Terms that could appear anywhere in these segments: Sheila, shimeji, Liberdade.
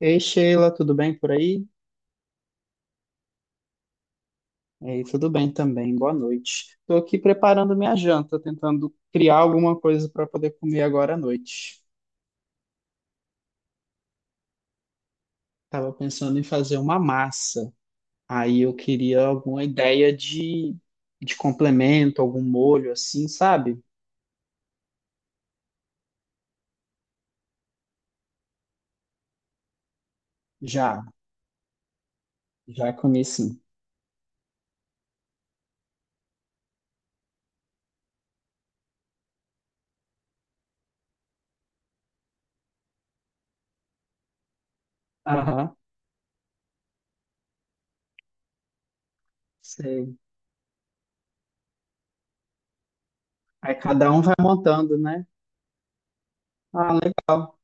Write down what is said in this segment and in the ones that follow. Ei, Sheila, tudo bem por aí? Ei, tudo bem também, boa noite. Estou aqui preparando minha janta, tentando criar alguma coisa para poder comer agora à noite. Estava pensando em fazer uma massa, aí eu queria alguma ideia de complemento, algum molho assim, sabe? Já, já comi sim. Aham, sei. Aí cada um vai montando, né? Ah, legal.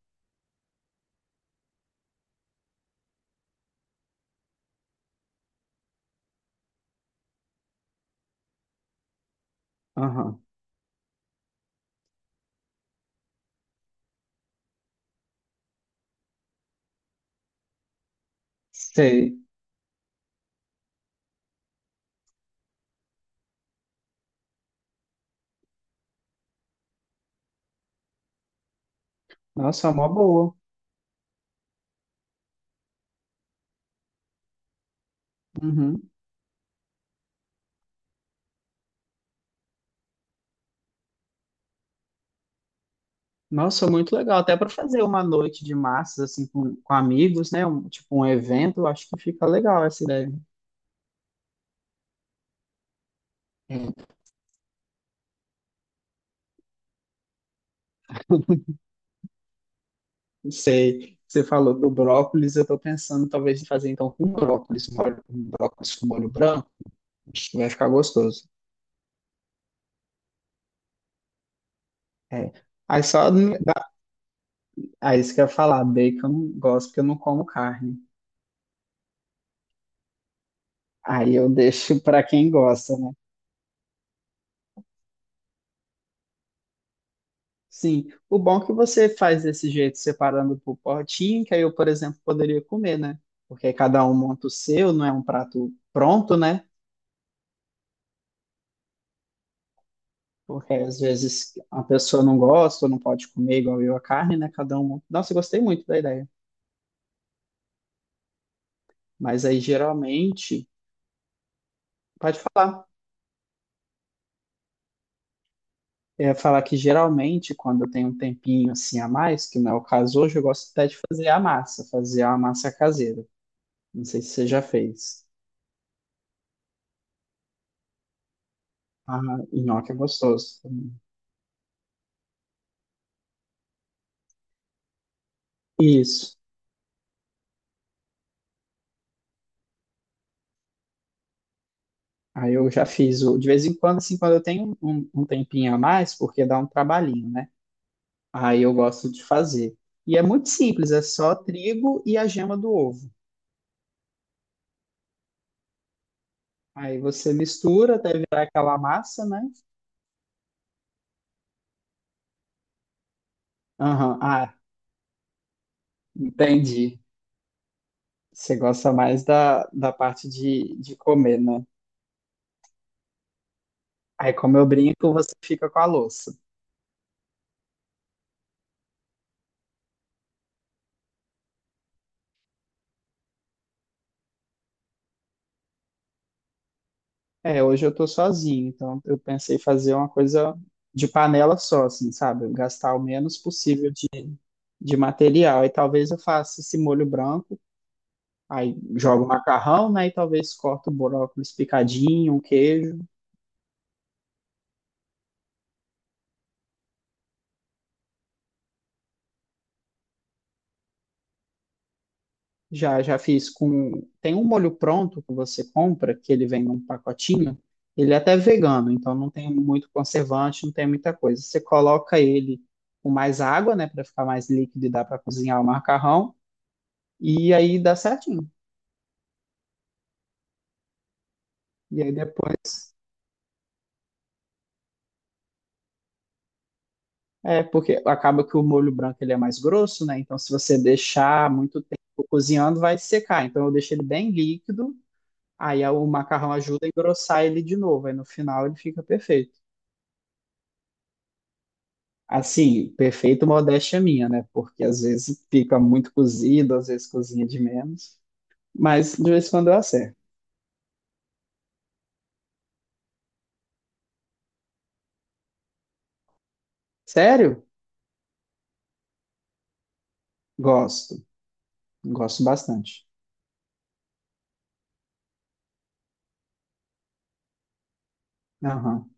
Aham, sei. Nossa, é uma boa. Uhum. Nossa, muito legal. Até para fazer uma noite de massas, assim, com amigos, né? Tipo um evento, eu acho que fica legal essa ideia. É, não sei, você falou do brócolis, eu tô pensando talvez em fazer então com brócolis, um brócolis com molho branco, acho que vai ficar gostoso. É. Aí só, aí isso que eu ia falar, bacon eu não gosto porque eu não como carne. Aí eu deixo para quem gosta, né? Sim, o bom é que você faz desse jeito, separando por potinho, que aí eu, por exemplo, poderia comer, né? Porque aí cada um monta o seu, não é um prato pronto, né? Porque às vezes a pessoa não gosta ou não pode comer igual eu a carne, né? Cada um monta. Nossa, eu gostei muito da ideia. Mas aí geralmente, pode falar. É falar que geralmente, quando eu tenho um tempinho assim a mais, que não é o caso hoje, eu gosto até de fazer a massa caseira. Não sei se você já fez. Ah, nhoque é gostoso. Isso. Aí eu já fiz de vez em quando, assim, quando eu tenho um tempinho a mais, porque dá um trabalhinho, né? Aí eu gosto de fazer. E é muito simples, é só trigo e a gema do ovo. Aí você mistura até virar aquela massa, né? Aham, ah, entendi. Você gosta mais da parte de comer, né? Aí, como eu brinco, você fica com a louça. É, hoje eu tô sozinho, então eu pensei em fazer uma coisa de panela só, assim, sabe? Gastar o menos possível de material. E talvez eu faça esse molho branco, aí jogo o macarrão, né? E talvez corto o brócolis picadinho, um queijo. Já fiz com. Tem um molho pronto que você compra, que ele vem num pacotinho. Ele é até vegano, então não tem muito conservante, não tem muita coisa. Você coloca ele com mais água, né, para ficar mais líquido e dá para cozinhar o macarrão, e aí dá certinho. E aí depois é, porque acaba que o molho branco ele é mais grosso, né? Então, se você deixar muito tempo cozinhando, vai secar. Então, eu deixo ele bem líquido, aí o macarrão ajuda a engrossar ele de novo. Aí, no final, ele fica perfeito. Assim, perfeito, modéstia minha, né? Porque às vezes fica muito cozido, às vezes cozinha de menos. Mas de vez em quando eu acerto. Sério? Gosto. Gosto bastante. Aham.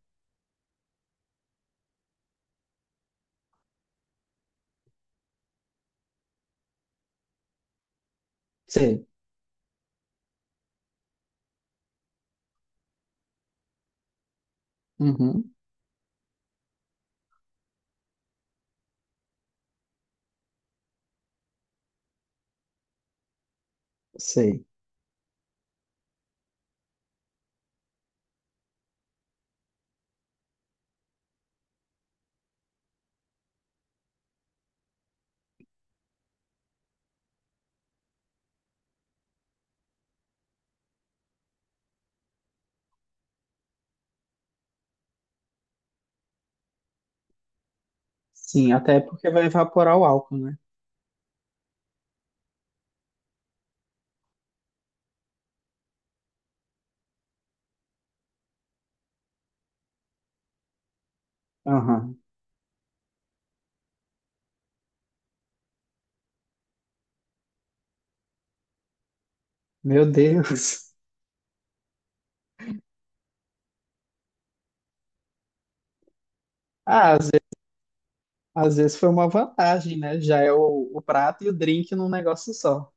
Sei. Uhum. Sei. Sim, até porque vai evaporar o álcool, né? Aham. Meu Deus. Ah, às ve- Às vezes, foi uma vantagem, né? Já é o prato e o drink num negócio só.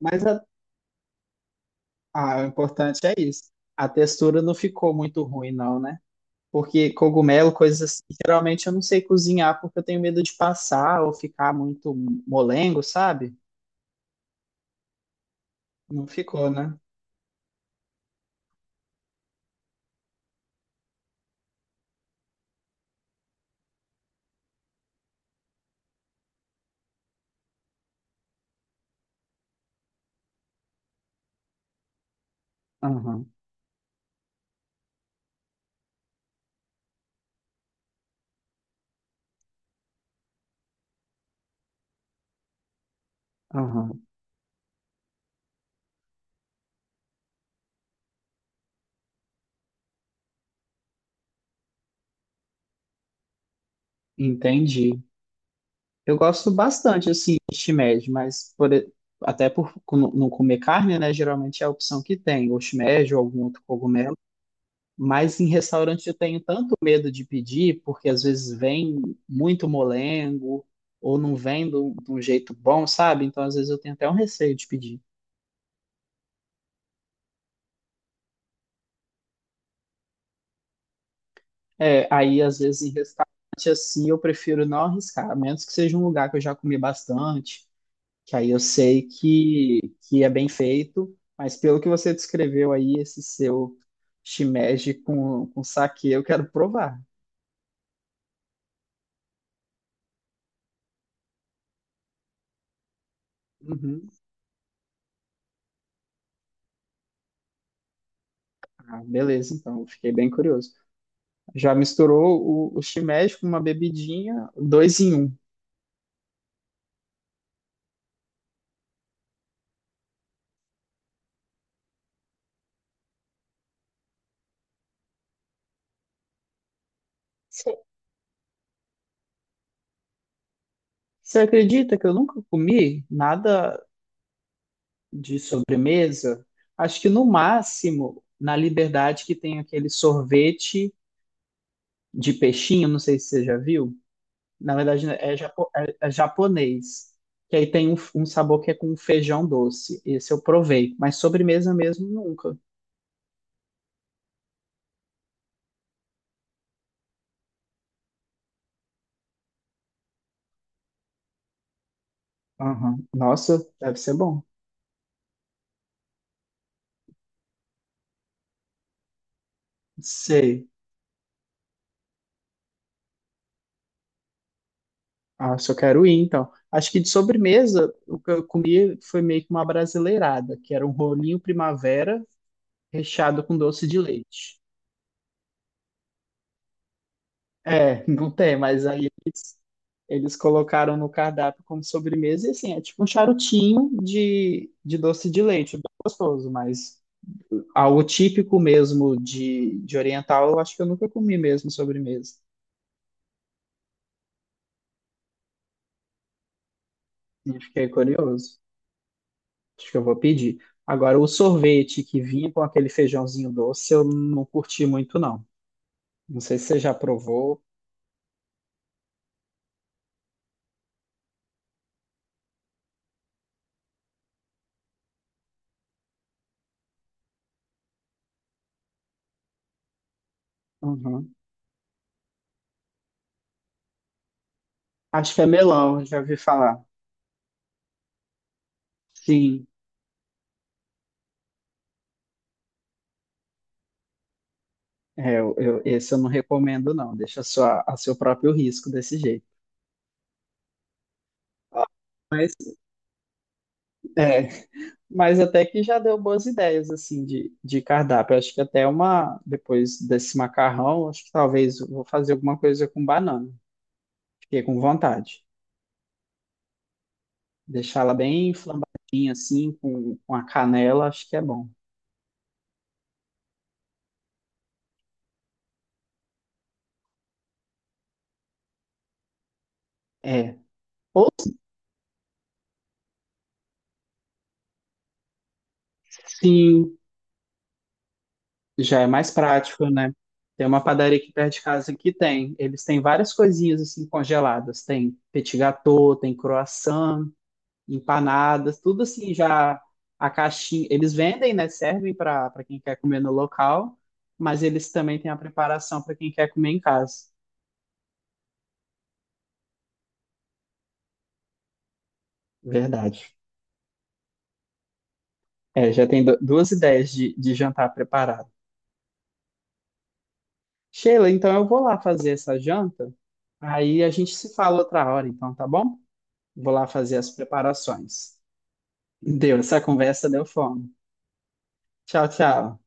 Mas a- ah, o importante é isso. A textura não ficou muito ruim, não, né? Porque cogumelo, coisas assim, geralmente eu não sei cozinhar porque eu tenho medo de passar ou ficar muito molengo, sabe? Não ficou, né? Aham, aham. Entendi. Eu gosto bastante, assim, de shimeji, até não comer carne, né? Geralmente é a opção que tem, ou shimeji ou algum outro cogumelo. Mas em restaurante eu tenho tanto medo de pedir, porque às vezes vem muito molengo, ou não vem de um jeito bom, sabe? Então às vezes eu tenho até um receio de pedir. É, aí às vezes em restaurante assim eu prefiro não arriscar, a menos que seja um lugar que eu já comi bastante, que aí eu sei que é bem feito. Mas pelo que você descreveu aí, esse seu shimeji com saquê, eu quero provar. Uhum. Ah, beleza, então, fiquei bem curioso. Já misturou o shimeji com uma bebidinha, dois em um. Você acredita que eu nunca comi nada de sobremesa? Acho que no máximo, na Liberdade, que tem aquele sorvete de peixinho, não sei se você já viu. Na verdade, é japonês. Que aí tem um sabor que é com feijão doce. Esse eu provei, mas sobremesa mesmo nunca. Aham. Nossa, deve ser bom. Sei. Ah, se eu quero ir, então. Acho que de sobremesa, o que eu comi foi meio que uma brasileirada, que era um rolinho primavera recheado com doce de leite. É, não tem, mas aí eles colocaram no cardápio como sobremesa, e assim, é tipo um charutinho de doce de leite, é bem gostoso, mas algo típico mesmo de oriental, eu acho que eu nunca comi mesmo sobremesa. E fiquei curioso. Acho que eu vou pedir. Agora, o sorvete que vinha com aquele feijãozinho doce, eu não curti muito, não. Não sei se você já provou. Uhum. Acho que é melão, já ouvi falar. Sim, é, esse eu não recomendo, não. Deixa a seu próprio risco desse jeito. Mas, é, mas até que já deu boas ideias, assim, de cardápio. Acho que até uma, depois desse macarrão, acho que talvez eu vou fazer alguma coisa com banana. Fiquei com vontade. Deixá-la bem flambadinha, assim, com a canela, acho que é bom. É. Ou sim. Já é mais prático, né? Tem uma padaria aqui perto de casa que tem. Eles têm várias coisinhas assim congeladas. Tem petit gâteau, tem croissant, empanadas, tudo assim já a caixinha. Eles vendem, né? Servem para quem quer comer no local, mas eles também têm a preparação para quem quer comer em casa. Verdade. É, já tem duas ideias de jantar preparado. Sheila, então eu vou lá fazer essa janta. Aí a gente se fala outra hora, então, tá bom? Vou lá fazer as preparações. Deu, essa conversa deu fome. Tchau, tchau.